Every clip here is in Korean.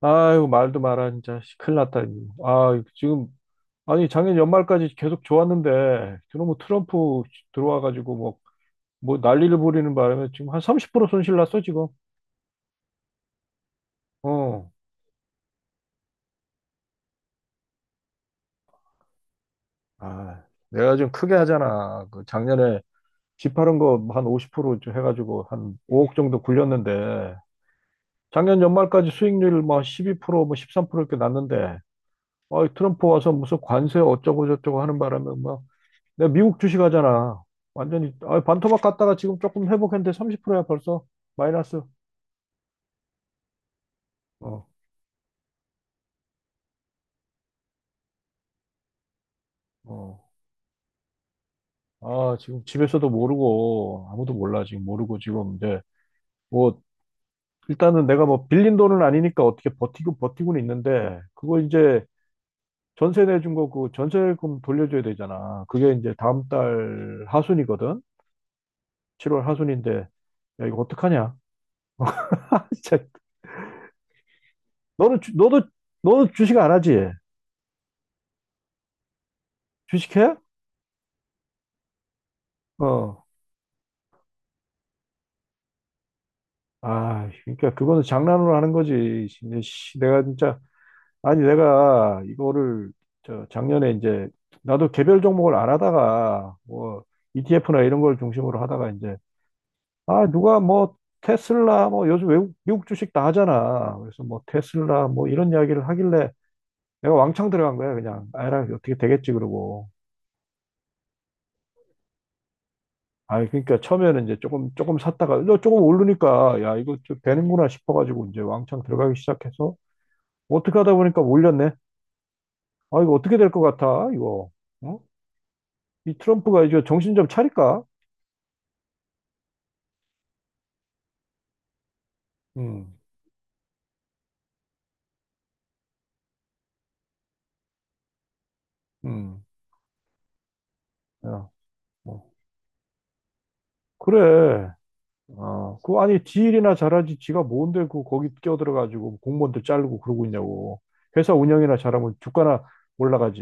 아유, 말도 마라, 진짜. 씨, 큰일 났다. 이거. 아, 지금, 아니, 작년 연말까지 계속 좋았는데, 그놈의 트럼프 들어와가지고, 뭐, 난리를 부리는 바람에 지금 한 30% 손실 났어, 지금. 어. 아, 내가 좀 크게 하잖아. 그 작년에 집파른 거 한 50%좀 해가지고 한 5억 정도 굴렸는데, 작년 연말까지 수익률 뭐 12%, 뭐 13% 이렇게 났는데, 어, 트럼프 와서 무슨 관세 어쩌고저쩌고 하는 바람에, 막, 내가 미국 주식 하잖아. 완전히 아, 반토막 갔다가 지금 조금 회복했는데 30%야 벌써 마이너스. 어, 어. 아, 지금 집에서도 모르고 아무도 몰라 지금 모르고 지금 이제 뭐 일단은 내가 뭐 빌린 돈은 아니니까 어떻게 버티고 버티고는 있는데 그거 이제 전세 내준 거 그 전세금 돌려줘야 되잖아. 그게 이제 다음 달 하순이거든. 7월 하순인데 야 이거 어떡하냐? 진짜 너는 너도 주식 안 하지? 주식해? 어. 아, 그러니까 그거는 장난으로 하는 거지. 이제 씨, 내가 진짜 아니 내가 이거를 저 작년에 이제 나도 개별 종목을 안 하다가 뭐 ETF나 이런 걸 중심으로 하다가 이제 아 누가 뭐 테슬라 뭐 요즘 외국 미국 주식 다 하잖아. 그래서 뭐 테슬라 뭐 이런 이야기를 하길래 내가 왕창 들어간 거야 그냥. 아라 어떻게 되겠지 그러고. 아 그러니까 처음에는 이제 조금 조금 샀다가 너 조금 오르니까 야 이거 좀 되는구나 싶어가지고 이제 왕창 들어가기 시작해서 어떻게 하다 보니까 올렸네. 아, 이거 어떻게 될 것 같아, 이거. 어? 이 트럼프가 이제 정신 좀 차릴까? 음, 음, 야, 뭐. 그래. 아, 그, 아니, 지 일이나 잘하지. 지가 뭔데, 그, 거기 끼어들어가지고 공무원들 자르고 그러고 있냐고. 회사 운영이나 잘하면 주가나 올라가지.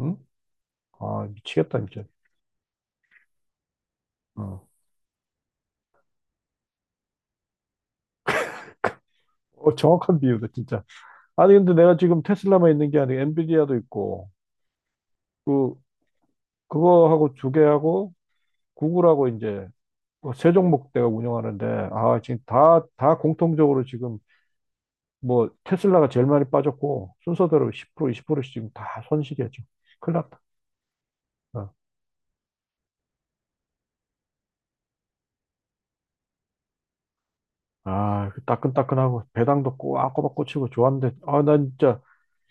응? 아, 미치겠다, 진짜. 어, 어, 정확한 비유다, 진짜. 아니, 근데 내가 지금 테슬라만 있는 게 아니고 엔비디아도 있고, 그, 그거하고 두 개하고 구글하고 이제 뭐 세종목대가 운영하는데 아 지금 다 공통적으로 지금 뭐 테슬라가 제일 많이 빠졌고 순서대로 10% 20%씩 지금 다 손실이야 지금 큰일 났다. 어. 아, 그 따끈따끈하고 배당도 꼬박꼬박 꽂히고 좋았는데 아, 난 진짜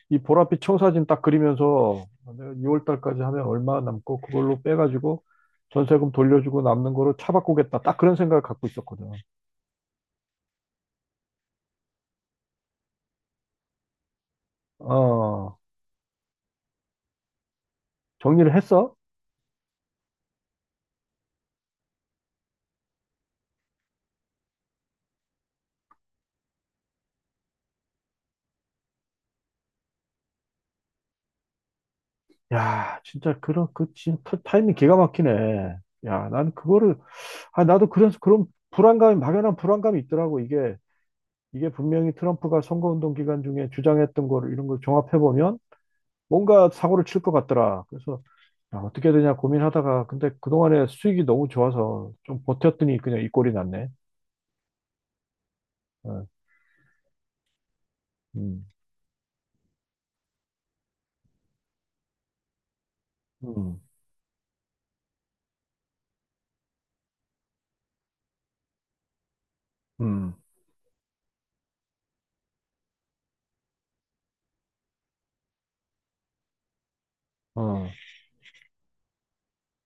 이 보랏빛 청사진 딱 그리면서 내가 2월 달까지 하면 얼마 남고 그걸로 빼가지고 전세금 돌려주고 남는 거로 차 바꾸겠다 딱 그런 생각을 갖고 있었거든. 어, 정리를 했어? 야, 진짜 그런 그 진짜 타이밍 기가 막히네. 야, 나는 그거를 아 나도 그래서 그런 불안감이 막연한 불안감이 있더라고. 이게 분명히 트럼프가 선거운동 기간 중에 주장했던 거를 이런 걸 종합해 보면 뭔가 사고를 칠 것 같더라. 그래서 야, 어떻게 해야 되냐 고민하다가 근데 그동안에 수익이 너무 좋아서 좀 버텼더니 그냥 이 꼴이 났네. 어, 음, 음, 음, 어,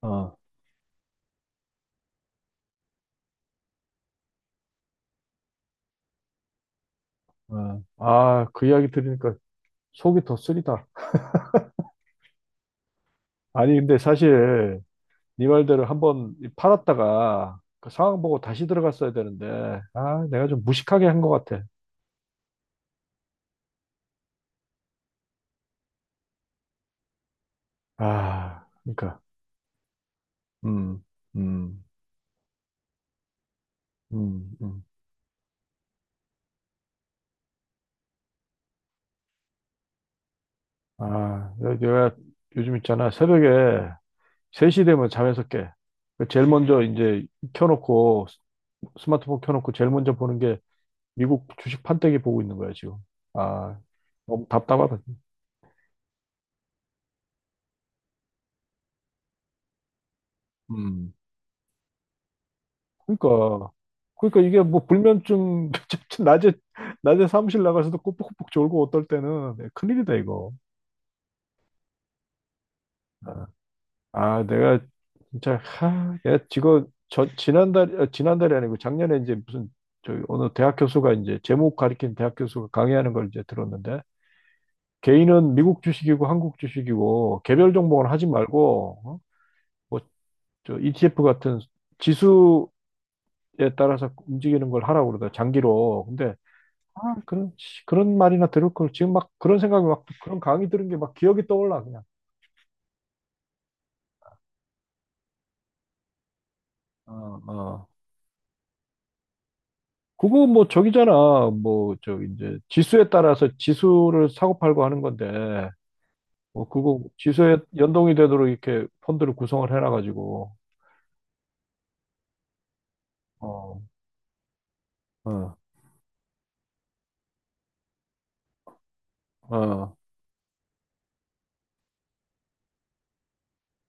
어, 어. 아, 그 이야기 들으니까 속이 더 쓰리다. 아니, 근데 사실 네 말대로 한번 팔았다가 그 상황 보고 다시 들어갔어야 되는데, 아, 내가 좀 무식하게 한 것 같아. 아, 그러니까, 음, 음, 음, 음. 아, 내가 요즘 있잖아. 새벽에 3시 되면 잠에서 깨. 그 제일 먼저 이제 켜놓고, 스마트폰 켜놓고 제일 먼저 보는 게 미국 주식 판때기 보고 있는 거야, 지금. 아, 너무 답답하다. 음. 그러니까 그러니까 이게 뭐 불면증 낮에 사무실 나가서도 꼬북꼬북 졸고 어떨 때는 네, 큰일이다 이거. 네. 아 내가 진짜 하, 야 지금 저 지난달 아, 지난달이 아니고 작년에 이제 무슨 저 어느 대학 교수가 이제 제목 가리킨 대학 교수가 강의하는 걸 이제 들었는데 개인은 미국 주식이고 한국 주식이고 개별 종목은 하지 말고 뭐저 ETF 같은 지수에 따라서 움직이는 걸 하라고 그러다 장기로. 근데 아, 그런, 씨, 그런 말이나 들을 걸. 지금 막 그런 생각이 막, 그런 강의 들은 게 막 기억이 떠올라, 그냥. 어, 어. 그거 뭐 저기잖아. 뭐, 저, 이제 지수에 따라서 지수를 사고팔고 하는 건데, 뭐, 그거 지수에 연동이 되도록 이렇게 펀드를 구성을 해놔가지고, 어, 어, 어,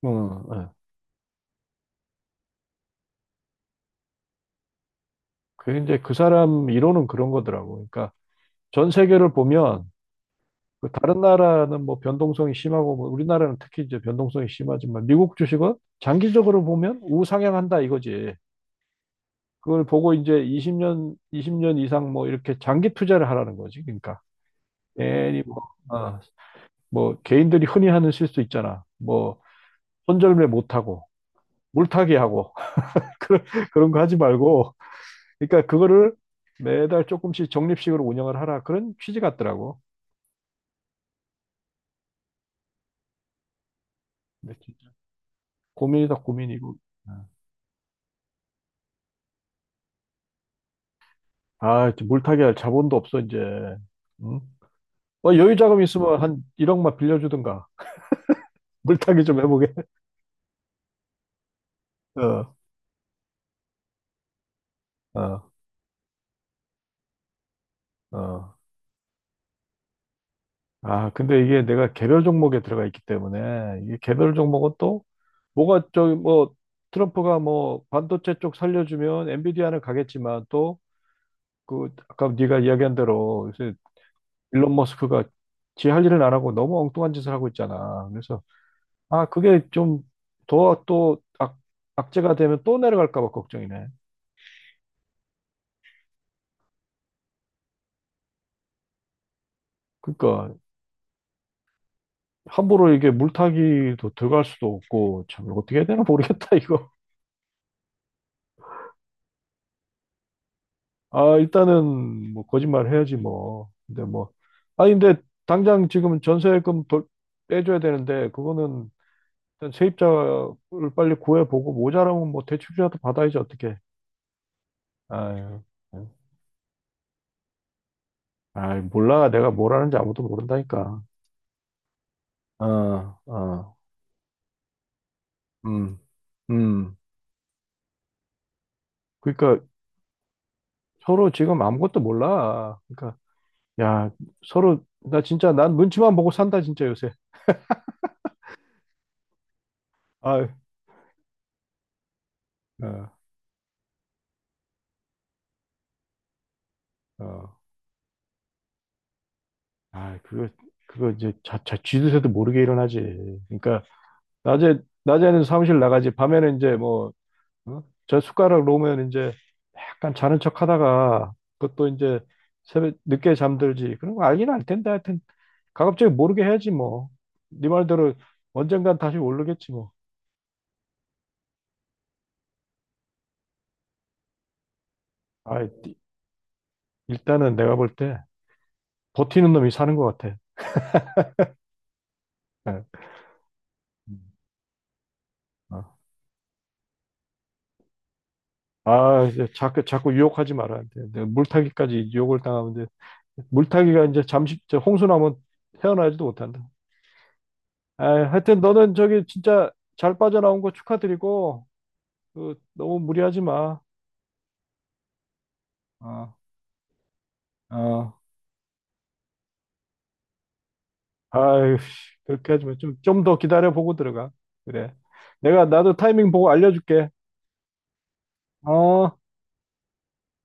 어, 어. 그 이제 그 사람 이론은 그런 거더라고. 그러니까 전 세계를 보면, 그 다른 나라는 뭐 변동성이 심하고 뭐 우리나라는 특히 이제 변동성이 심하지만 미국 주식은 장기적으로 보면 우상향한다 이거지. 그걸 보고 이제 20년, 20년 이상 뭐 이렇게 장기 투자를 하라는 거지. 그러니까 괜히 뭐, 어, 뭐 개인들이 흔히 하는 실수 있잖아. 뭐 손절매 못하고 물타기 하고 그런 그런 거 하지 말고. 그러니까 그거를 매달 조금씩 적립식으로 운영을 하라 그런 취지 같더라고. 근데 진짜 고민이다 고민이고. 아, 이제 물타기 할 자본도 없어, 이제. 응? 뭐 여유 자금 있으면 한 1억만 빌려주든가. 물타기 좀 해보게. 어, 어, 어. 아, 근데 이게 내가 개별 종목에 들어가 있기 때문에, 이게 개별 종목은 또, 뭐가 저기 뭐, 트럼프가 뭐, 반도체 쪽 살려주면 엔비디아는 가겠지만, 또, 그, 아까 네가 이야기한 대로, 요새 일론 머스크가 지 할 일은 안 하고 너무 엉뚱한 짓을 하고 있잖아. 그래서, 아, 그게 좀 더 또, 악재가 되면 또 내려갈까 봐 걱정이네. 그러니까 함부로 이게 물타기도 들어갈 수도 없고 참 어떻게 해야 되나 모르겠다 이거. 아 일단은 뭐 거짓말 해야지 뭐. 근데 뭐 아니 근데 당장 지금 전세금 빼줘야 되는데 그거는 일단 세입자를 빨리 구해보고 모자라면 뭐 대출이라도 받아야지 어떻게. 아유, 아 몰라 내가 뭘 하는지 아무도 모른다니까. 어, 어, 음, 음. 그러니까 서로 지금 아무것도 몰라. 그러니까 야, 서로, 나 진짜, 난 눈치만 보고 산다, 진짜, 요새. 아 어, 어. 아, 그거, 이제, 자, 쥐도새도 모르게 일어나지. 그러니까, 낮에, 낮에는 사무실 나가지, 밤에는 이제 뭐, 어? 저 숟가락 놓으면 이제, 약간 자는 척 하다가, 그것도 이제, 새벽, 늦게 잠들지. 그런 거 알긴 알 텐데, 하여튼, 가급적이 모르게 해야지, 뭐. 네 말대로, 언젠간 다시 오르겠지, 뭐. 아, 일단은 내가 볼 때, 버티는 놈이 사는 것 같아. 예. 음. 어. 아, 이제 자꾸, 자꾸 유혹하지 말아야 돼. 내가 물타기까지 유혹을 당하면 돼. 물타기가 이제 잠시, 저 홍수나면 헤어나지도 못한다. 아, 하여튼 너는 저기 진짜 잘 빠져나온 거 축하드리고, 그, 너무 무리하지 마. 어, 어, 아유, 씨, 그렇게 하지 마. 좀 더 기다려보고 들어가. 그래. 나도 타이밍 보고 알려줄게. 어.